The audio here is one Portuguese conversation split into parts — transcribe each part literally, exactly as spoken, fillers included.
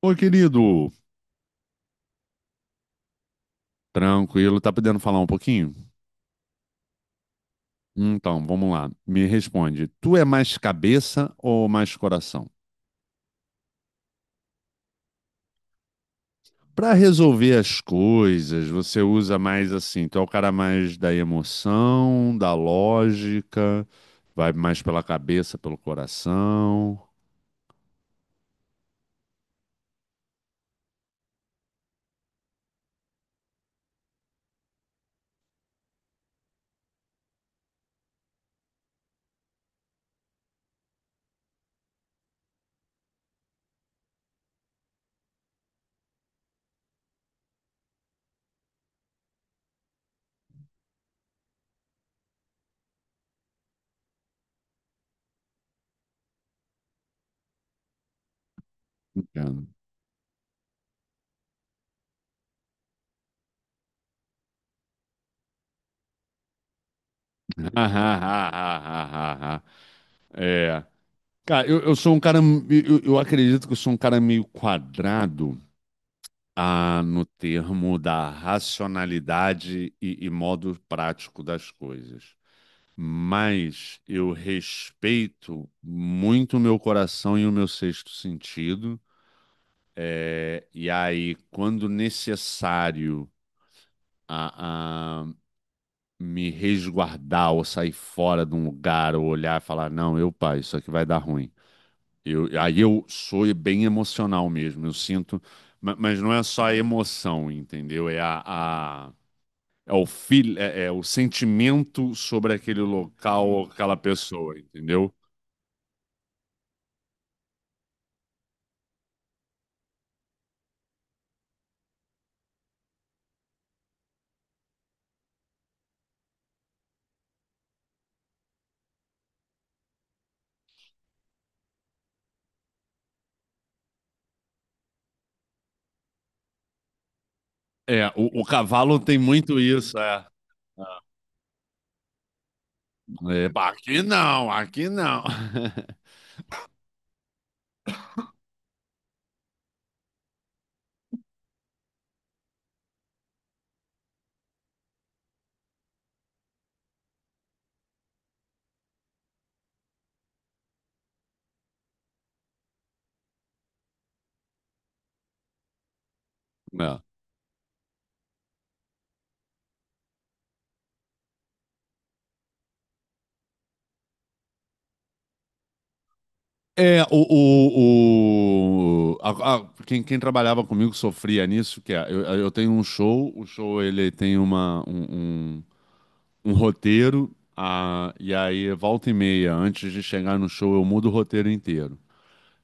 Oi, querido. Tranquilo, tá podendo falar um pouquinho? Então, vamos lá. Me responde. Tu é mais cabeça ou mais coração? Pra resolver as coisas, você usa mais assim, tu é o cara mais da emoção, da lógica, vai mais pela cabeça, pelo coração. Entendo. É. Cara, eu, eu sou um cara. Eu, eu acredito que eu sou um cara meio quadrado. Ah, no termo da racionalidade e, e modo prático das coisas. Mas eu respeito muito o meu coração e o meu sexto sentido. É, e aí, quando necessário a, a me resguardar ou sair fora de um lugar ou olhar e falar, não, eu, pai, isso aqui vai dar ruim. Eu, aí eu sou bem emocional mesmo. Eu sinto, ma- mas não é só a emoção, entendeu? É a... a- É o feel, é, é o sentimento sobre aquele local ou aquela pessoa, entendeu? É, o, o cavalo tem muito isso, é. É, pá, aqui não, aqui não. É. É, o, o, o- a- a- quem, quem trabalhava comigo sofria nisso, que é, eu, eu tenho um show, o show ele tem uma, um, um- um roteiro, ah, e aí volta e meia, antes de chegar no show, eu mudo o roteiro inteiro.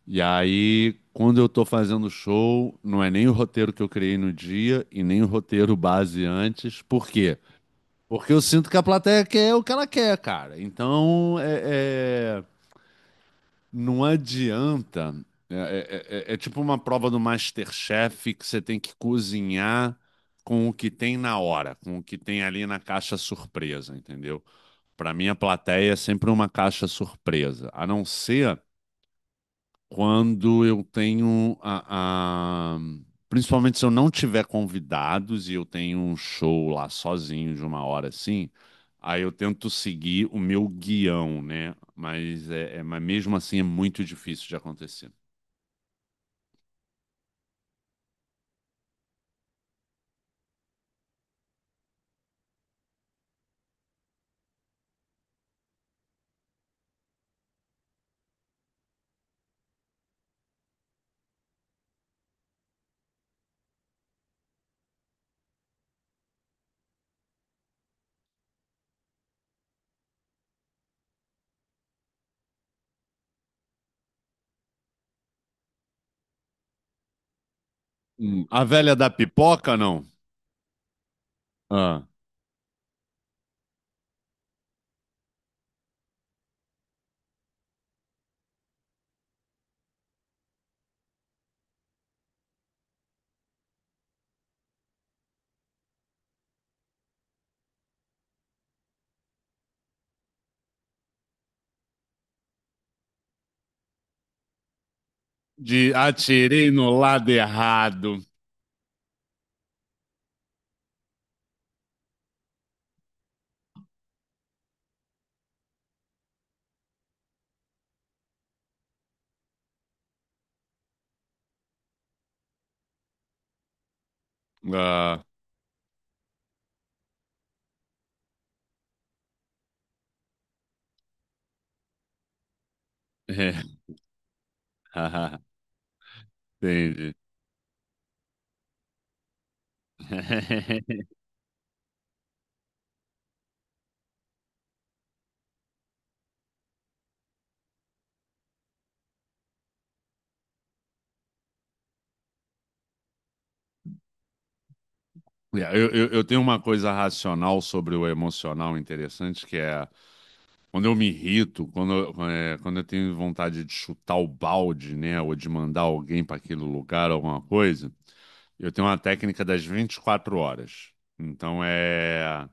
E aí, quando eu tô fazendo show, não é nem o roteiro que eu criei no dia e nem o roteiro base antes. Por quê? Porque eu sinto que a plateia quer o que ela quer, cara. Então, é, é- não adianta. É, é- é- é é tipo uma prova do MasterChef que você tem que cozinhar com o que tem na hora, com o que tem ali na caixa surpresa, entendeu? Pra mim, a plateia é sempre uma caixa surpresa, a não ser quando eu tenho a, a- Principalmente se eu não tiver convidados e eu tenho um show lá sozinho de uma hora assim, aí eu tento seguir o meu guião, né? Mas, é, é- mas mesmo assim é muito difícil de acontecer. Hum, A velha da pipoca, não? Ah. De atirei no lado errado. Ah, é. Entendi. É, Eu, eu- eu tenho uma coisa racional sobre o emocional interessante, que é quando eu me irrito, quando, eu- é, quando eu tenho vontade de chutar o balde, né, ou de mandar alguém para aquele lugar, alguma coisa, eu tenho uma técnica das vinte e quatro horas. Então é.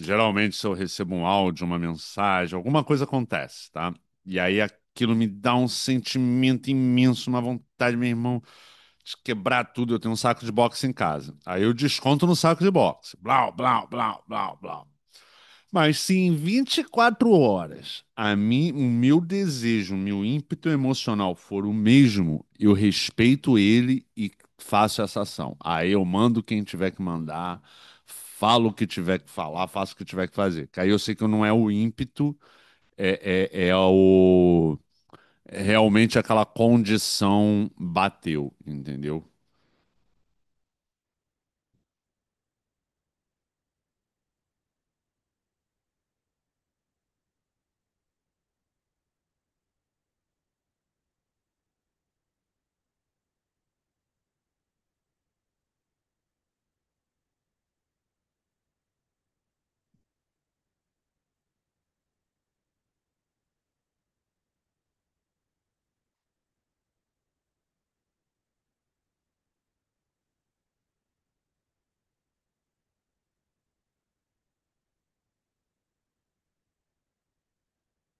Geralmente, se eu recebo um áudio, uma mensagem, alguma coisa acontece, tá? E aí aquilo me dá um sentimento imenso, uma vontade, meu irmão, de quebrar tudo. Eu tenho um saco de boxe em casa. Aí eu desconto no saco de boxe. Blau, blau, blau, blau, blau. Mas se em vinte e quatro horas a mim, o meu desejo, o meu ímpeto emocional for o mesmo, eu respeito ele e faço essa ação. Aí eu mando quem tiver que mandar, falo o que tiver que falar, faço o que tiver que fazer. Que aí eu sei que não é o ímpeto, é, é, é o é realmente aquela condição bateu, entendeu?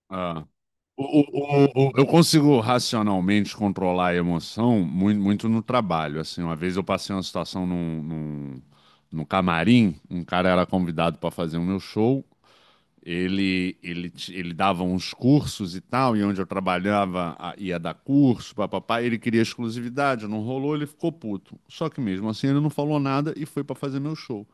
Ah. O- o- o- eu consigo racionalmente controlar a emoção muito, muito no trabalho. Assim, uma vez eu passei uma situação num, num, num camarim, um cara era convidado para fazer o meu show. Ele, ele, ti- ele dava uns cursos e tal, e onde eu trabalhava a- ia dar curso, papapá. Ele queria exclusividade, não rolou, ele ficou puto. Só que mesmo assim ele não falou nada e foi para fazer meu show.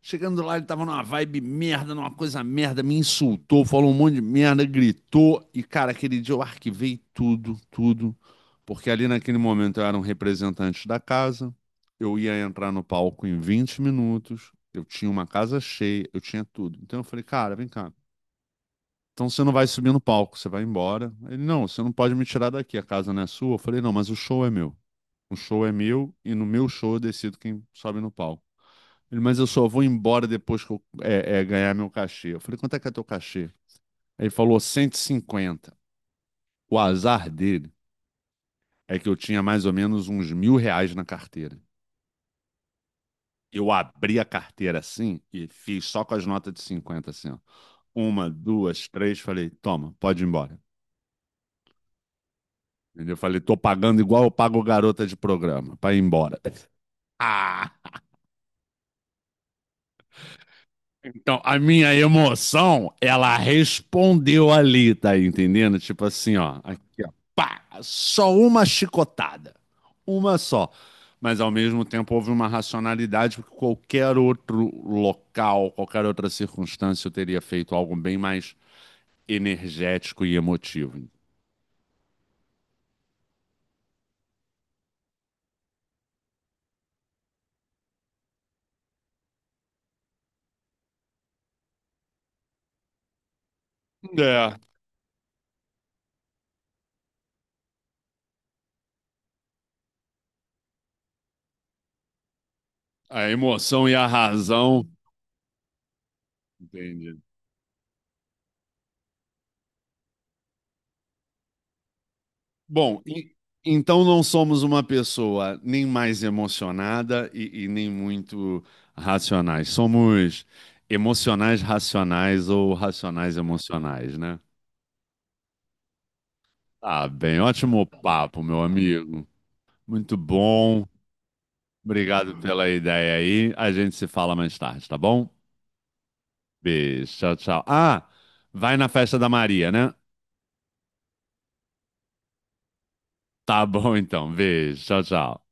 Chegando lá, ele tava numa vibe merda, numa coisa merda, me insultou, falou um monte de merda, gritou. E, cara, aquele dia eu arquivei tudo, tudo. Porque ali naquele momento eu era um representante da casa, eu ia entrar no palco em vinte minutos, eu tinha uma casa cheia, eu tinha tudo. Então eu falei, cara, vem cá. Então você não vai subir no palco, você vai embora. Ele, não, você não pode me tirar daqui, a casa não é sua. Eu falei, não, mas o show é meu. O show é meu e no meu show eu decido quem sobe no palco. Ele, mas eu só vou embora depois que eu é, é, ganhar meu cachê. Eu falei, quanto é que é teu cachê? Ele falou, cento e cinquenta. O azar dele é que eu tinha mais ou menos uns mil reais na carteira. Eu abri a carteira assim e fiz só com as notas de cinquenta assim, ó. Uma, duas, três, falei, toma, pode ir embora. Entendeu? Eu falei, tô pagando igual eu pago garota de programa, pra ir embora. Ah! Então, a minha emoção, ela respondeu ali, tá entendendo? Tipo assim, ó, aqui, ó, pá, só uma chicotada, uma só. Mas ao mesmo tempo houve uma racionalidade, porque qualquer outro local, qualquer outra circunstância, eu teria feito algo bem mais energético e emotivo. É, a emoção e a razão, entende? Bom, e- então não somos uma pessoa nem mais emocionada e, e nem muito racionais. Somos emocionais racionais ou racionais emocionais, né? Tá bem, ótimo papo, meu amigo. Muito bom. Obrigado pela ideia aí. A gente se fala mais tarde, tá bom? Beijo, tchau, tchau. Ah, vai na festa da Maria, né? Tá bom então. Beijo, tchau, tchau.